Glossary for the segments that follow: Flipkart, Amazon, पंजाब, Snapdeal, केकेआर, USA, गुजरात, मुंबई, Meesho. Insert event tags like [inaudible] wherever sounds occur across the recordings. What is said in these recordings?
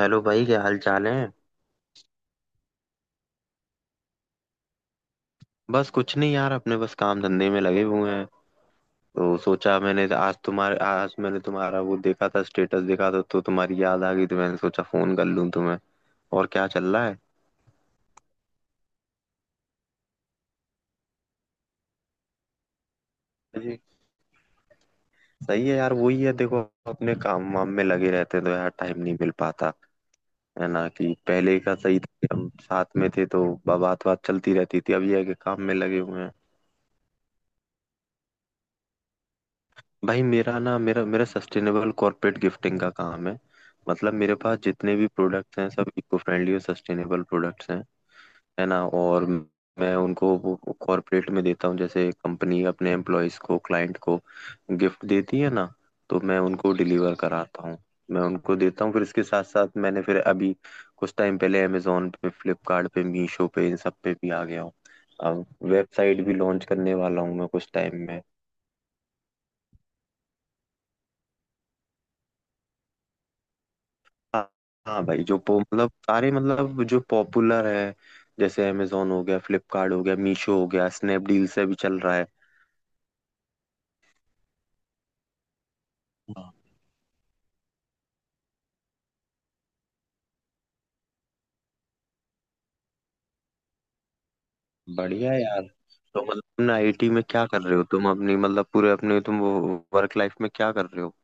Hello भाई, क्या हाल चाल है। बस कुछ नहीं यार, अपने बस काम धंधे में लगे हुए हैं। तो सोचा मैंने आज तुम्हारे, आज मैंने तुम्हारा वो देखा था, स्टेटस देखा था, तो तुम्हारी याद आ गई, तो मैंने सोचा फोन कर लूं तुम्हें। और क्या चल रहा है। जी। सही है यार, वही है, देखो, अपने काम वाम में लगे रहते हैं, तो यार टाइम नहीं मिल पाता। है ना, कि पहले का सही था कि हम साथ में थे, तो बात बात चलती रहती थी, अब ये है कि काम में लगे हुए हैं। भाई मेरा ना मेरा मेरा सस्टेनेबल कॉर्पोरेट गिफ्टिंग का काम है। मतलब मेरे पास जितने भी प्रोडक्ट्स हैं, सब इको फ्रेंडली और सस्टेनेबल प्रोडक्ट्स हैं। है ना। और मैं उनको वो कॉर्पोरेट में देता हूँ। जैसे कंपनी अपने एम्प्लॉयज को, क्लाइंट को गिफ्ट देती है ना, तो मैं उनको डिलीवर कराता हूँ। मैं उनको देता हूँ। फिर इसके साथ साथ मैंने फिर अभी कुछ टाइम पहले अमेजोन पे, फ्लिपकार्ट पे, मीशो पे, इन सब पे भी आ गया हूँ। अब वेबसाइट भी लॉन्च करने वाला हूँ मैं कुछ टाइम में। हाँ। हाँ भाई, जो पो मतलब सारे, मतलब जो पॉपुलर है, जैसे अमेजोन हो गया, फ्लिपकार्ट हो गया, मीशो हो गया, स्नैपडील से भी चल रहा है। हाँ। बढ़िया है यार। तो मतलब तुम आईटी में क्या कर रहे हो, तुम अपनी मतलब पूरे अपने तुम वर्क लाइफ में क्या कर रहे हो।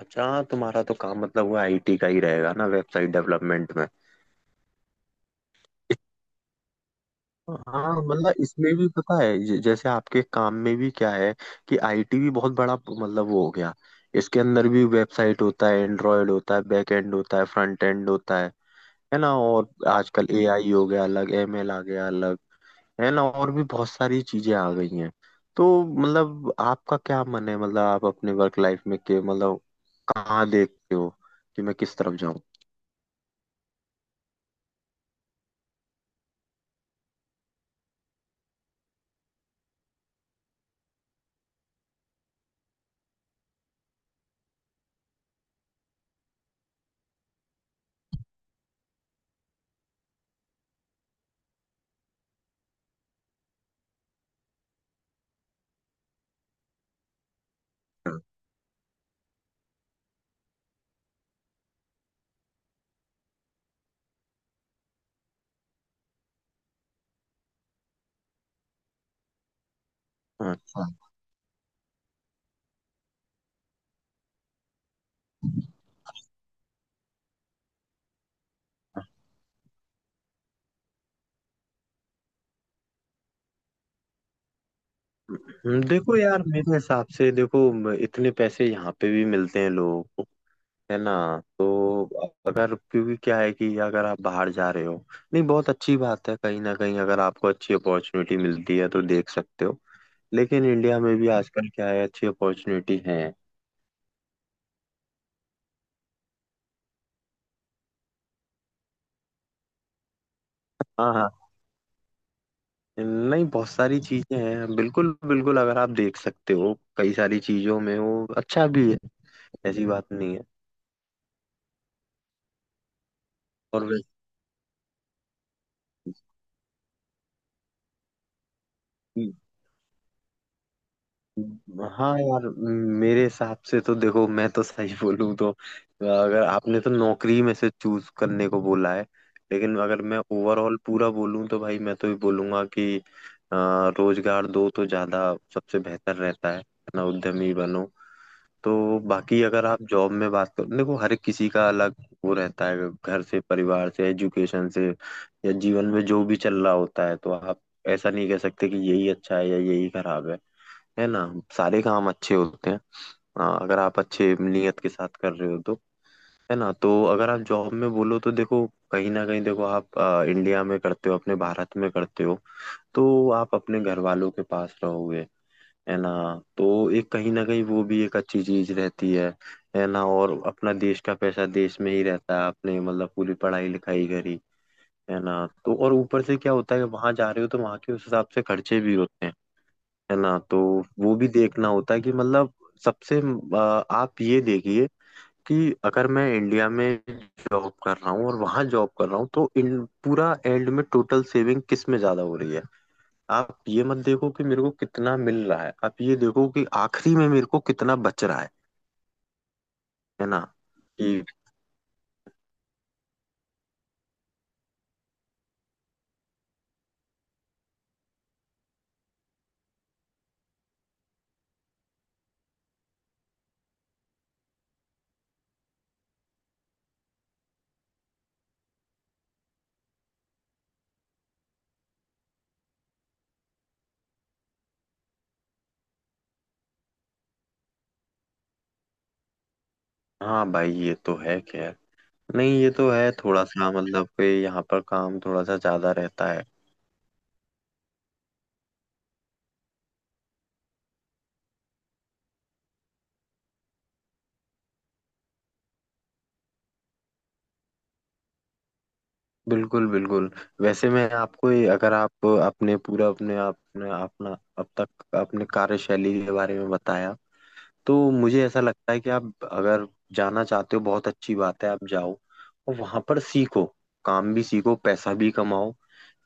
अच्छा, हाँ, तुम्हारा तो काम मतलब वो आईटी का ही रहेगा ना, वेबसाइट डेवलपमेंट में। हाँ मतलब इसमें भी पता है जैसे आपके काम में भी क्या है कि आईटी भी बहुत बड़ा मतलब वो हो गया। इसके अंदर भी वेबसाइट होता है, एंड्रॉयड होता है, बैक एंड होता है, फ्रंट एंड होता है। है ना, और आजकल एआई हो गया अलग, एमएल आ गया अलग। है ना, और भी बहुत सारी चीजें आ गई हैं। तो मतलब आपका क्या मन है, मतलब आप अपने वर्क लाइफ में के मतलब कहाँ देखते हो, कि मैं किस तरफ जाऊँ। अच्छा। देखो यार, मेरे हिसाब से देखो, इतने पैसे यहाँ पे भी मिलते हैं लोगों को। है ना, तो अगर, क्योंकि क्या है कि अगर आप बाहर जा रहे हो, नहीं, बहुत अच्छी बात है, कहीं ना कहीं अगर आपको अच्छी अपॉर्चुनिटी मिलती है तो देख सकते हो। लेकिन इंडिया में भी आजकल क्या है, अच्छी अपॉर्चुनिटी है। हाँ, हाँ, नहीं, बहुत सारी चीजें हैं, बिल्कुल बिल्कुल, अगर आप देख सकते हो कई सारी चीजों में वो अच्छा भी है, ऐसी बात नहीं है। और वैसे हाँ यार, मेरे हिसाब से तो देखो, मैं तो सही [laughs] बोलूँ तो, अगर आपने तो नौकरी में से चूज करने को बोला है, लेकिन अगर मैं ओवरऑल पूरा बोलूँ तो भाई मैं तो ये बोलूंगा कि अ, रोजगार दो, तो ज्यादा सबसे बेहतर रहता है, अपना उद्यमी बनो। तो बाकी अगर आप जॉब में बात करो, देखो हर एक किसी का अलग वो रहता है, घर से, परिवार से, एजुकेशन से, या जीवन में जो भी चल रहा होता है, तो आप ऐसा नहीं कह सकते कि यही अच्छा है या यही खराब है। है ना, सारे काम अच्छे होते हैं। हाँ, अगर आप अच्छे नियत के साथ कर रहे हो तो। है ना, तो अगर आप जॉब में बोलो तो देखो, कहीं ना कहीं देखो, आप इंडिया में करते हो, अपने भारत में करते हो, तो आप अपने घर वालों के पास रहोगे। है ना, तो एक कहीं ना कहीं वो भी एक अच्छी चीज रहती है। है ना, और अपना देश का पैसा देश में ही रहता है। आपने मतलब पूरी पढ़ाई लिखाई करी, है ना, तो। और ऊपर से क्या होता है, वहां जा रहे हो तो वहां के उस हिसाब से खर्चे भी होते हैं। है ना, तो वो भी देखना होता है कि मतलब सबसे आप ये देखिए कि अगर मैं इंडिया में जॉब कर रहा हूँ और वहां जॉब कर रहा हूँ, तो इन पूरा एंड में टोटल सेविंग किस में ज्यादा हो रही है। आप ये मत देखो कि मेरे को कितना मिल रहा है, आप ये देखो कि आखिरी में मेरे को कितना बच रहा है। है ना, कि। हाँ भाई ये तो है खैर। नहीं ये तो है, थोड़ा सा मतलब कि यहाँ पर काम थोड़ा सा ज्यादा रहता है। बिल्कुल बिल्कुल। वैसे मैं आपको अगर आप अपने पूरा अपने आपने अपना अब तक अपने कार्यशैली के बारे में बताया, तो मुझे ऐसा लगता है कि आप अगर जाना चाहते हो, बहुत अच्छी बात है, आप जाओ और वहां पर सीखो, काम भी सीखो, पैसा भी कमाओ।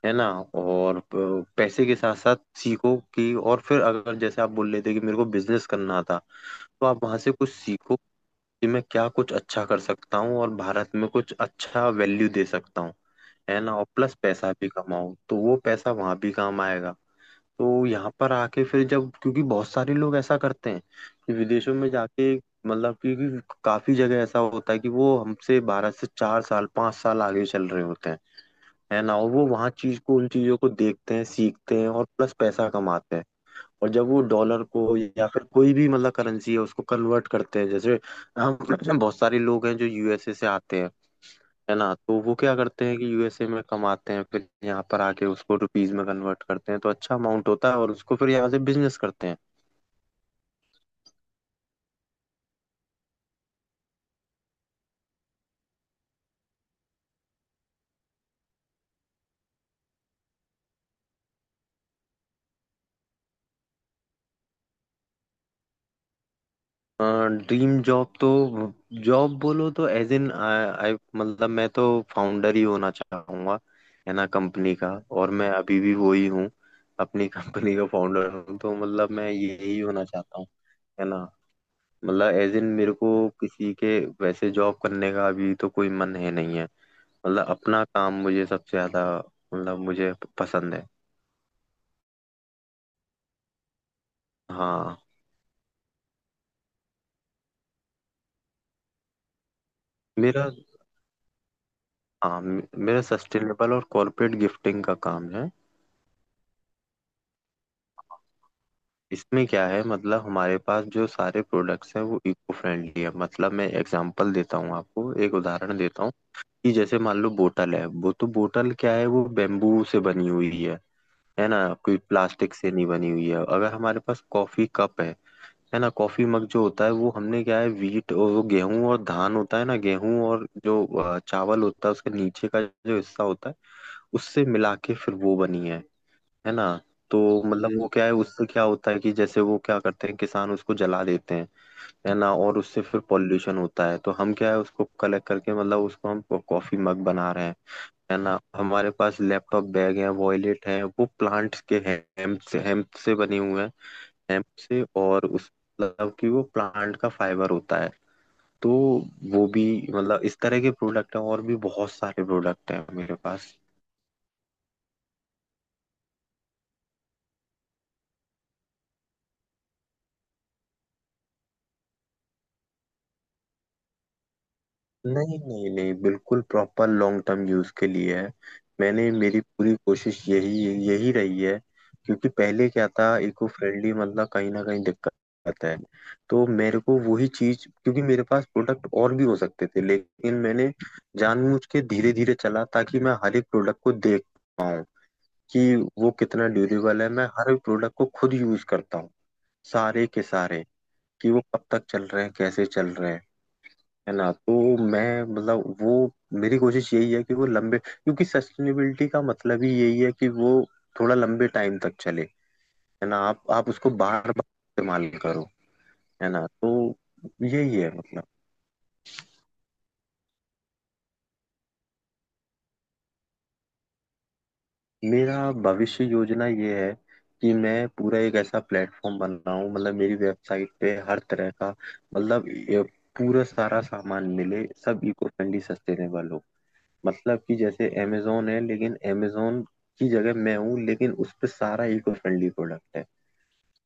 है ना, और पैसे के साथ साथ सीखो कि, और फिर अगर जैसे आप बोल रहे थे कि मेरे को बिजनेस करना था, तो आप वहां से कुछ सीखो कि मैं क्या कुछ अच्छा कर सकता हूँ और भारत में कुछ अच्छा वैल्यू दे सकता हूँ। है ना, और प्लस पैसा भी कमाऊँ, तो वो पैसा वहां भी काम आएगा। तो यहाँ पर आके फिर जब, क्योंकि बहुत सारे लोग ऐसा करते हैं कि विदेशों में जाके मतलब, क्योंकि काफी जगह ऐसा होता है कि वो हमसे, भारत से 4 साल 5 साल आगे चल रहे होते हैं। है ना, और वो वहाँ चीज को, उन चीजों को देखते हैं, सीखते हैं, और प्लस पैसा कमाते हैं। और जब वो डॉलर को या फिर कोई भी मतलब करेंसी है उसको कन्वर्ट करते हैं, जैसे हम। [clears throat] बहुत सारे लोग हैं जो यूएसए से आते हैं। है ना, तो वो क्या करते हैं कि यूएसए में कमाते हैं, फिर यहाँ पर आके उसको रुपीज में कन्वर्ट करते हैं, तो अच्छा अमाउंट होता है, और उसको फिर यहाँ से बिजनेस करते हैं। ड्रीम जॉब तो, जॉब बोलो तो एज इन आई, मतलब मैं तो फाउंडर ही होना चाहूंगा। है ना, कंपनी का, और मैं अभी भी वो ही हूँ, अपनी [laughs] कंपनी का फाउंडर हूँ, तो मतलब मैं यही होना चाहता हूँ। है ना, मतलब एज इन मेरे को किसी के वैसे जॉब करने का अभी तो कोई मन है नहीं है। मतलब अपना काम मुझे सबसे ज्यादा मतलब मुझे पसंद है। हाँ। मेरा, हाँ मेरा सस्टेनेबल और कॉर्पोरेट गिफ्टिंग का काम है। इसमें क्या है, मतलब हमारे पास जो सारे प्रोडक्ट्स हैं वो इको फ्रेंडली है। मतलब मैं एग्जांपल देता हूँ आपको, एक उदाहरण देता हूँ कि जैसे मान लो बोतल है, वो, तो बोतल क्या है, वो बेम्बू से बनी हुई है। है ना, कोई प्लास्टिक से नहीं बनी हुई है। अगर हमारे पास कॉफी कप है ना, कॉफी मग जो होता है, वो हमने क्या है, वीट, और वो गेहूं और धान होता है ना, गेहूं और जो चावल होता है, उसके नीचे का जो हिस्सा होता है उससे मिला के फिर वो बनी है। है ना, तो मतलब वो क्या है, उससे क्या होता है कि जैसे वो क्या करते हैं किसान, उसको जला देते हैं। है ना, और उससे फिर पॉल्यूशन होता है, तो हम क्या है, उसको कलेक्ट करके मतलब उसको हम कॉफी मग बना रहे हैं। है ना, हमारे पास लैपटॉप बैग है, वॉयलेट है, वो प्लांट्स के हेम्प से बने हुए हैं, hemp से। और उस मतलब कि वो प्लांट का फाइबर होता है, तो वो भी मतलब इस तरह के प्रोडक्ट हैं, और भी बहुत सारे प्रोडक्ट हैं मेरे पास। नहीं नहीं नहीं, बिल्कुल प्रॉपर लॉन्ग टर्म यूज के लिए है। मैंने, मेरी पूरी कोशिश यही यही रही है, क्योंकि पहले क्या था, इको फ्रेंडली मतलब कहीं ना कहीं दिक्कत है। तो मेरे को वही चीज, क्योंकि मेरे पास प्रोडक्ट और भी हो सकते थे, लेकिन मैंने जानबूझ के धीरे धीरे चला, ताकि मैं हर एक प्रोडक्ट को देख पाऊँ कि वो कितना ड्यूरेबल है। मैं हर प्रोडक्ट को खुद यूज करता हूँ, सारे के सारे, कि वो कब तक चल रहे हैं, कैसे चल रहे हैं। है ना, तो मैं मतलब वो, मेरी कोशिश यही है कि वो लंबे, क्योंकि सस्टेनेबिलिटी का मतलब ही यही है कि वो थोड़ा लंबे टाइम तक चले। है ना, आप उसको बार बार इस्तेमाल करो। है ना, तो यही है मतलब। मेरा भविष्य योजना ये है कि मैं पूरा एक ऐसा प्लेटफॉर्म बनाऊं, मतलब मेरी वेबसाइट पे हर तरह का, मतलब ये पूरा सारा सामान मिले, सब इको फ्रेंडली सस्टेनेबल हो। मतलब कि जैसे amazon है, लेकिन amazon की जगह मैं हूँ, लेकिन उस पे सारा इको फ्रेंडली प्रोडक्ट है।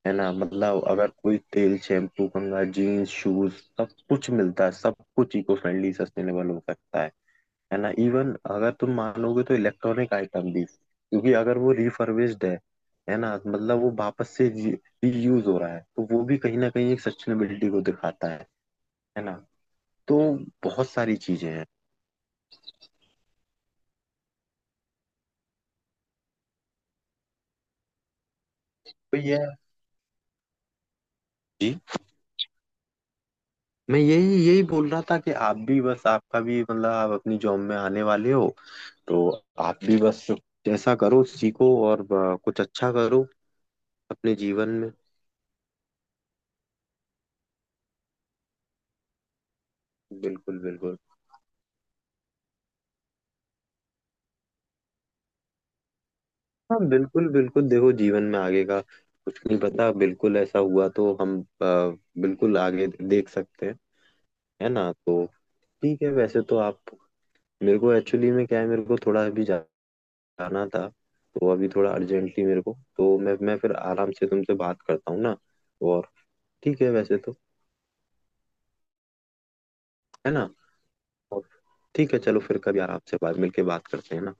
है ना, मतलब अगर कोई तेल, शैम्पू, कंघा, जीन्स, शूज, सब कुछ मिलता है, सब कुछ इको फ्रेंडली सस्टेनेबल हो सकता है। है ना, इवन अगर तुम मानोगे तो इलेक्ट्रॉनिक आइटम भी, क्योंकि अगर वो रिफर्बिश्ड है ना, मतलब वो वापस से रीयूज हो रहा है, तो वो भी कहीं ना कहीं एक सस्टेनेबिलिटी को दिखाता है। है ना, तो बहुत सारी चीजें हैं। तो ये। जी, मैं यही यही बोल रहा था कि आप भी बस, आपका भी मतलब आप अपनी जॉब में आने वाले हो, तो आप भी बस जैसा करो, सीखो, और कुछ अच्छा करो अपने जीवन में। बिल्कुल बिल्कुल। हाँ बिल्कुल बिल्कुल, देखो जीवन में आगे का कुछ नहीं पता, बिल्कुल ऐसा हुआ तो हम बिल्कुल आगे देख सकते हैं। है ना, तो ठीक है, वैसे तो आप, मेरे को एक्चुअली में क्या है, मेरे को थोड़ा अभी जाना था, तो अभी थोड़ा अर्जेंटली मेरे को, तो मैं फिर आराम से तुमसे बात करता हूँ ना। और ठीक है वैसे तो। है ना, और ठीक है, चलो फिर कभी आराम से बात, मिलके बात करते हैं ना।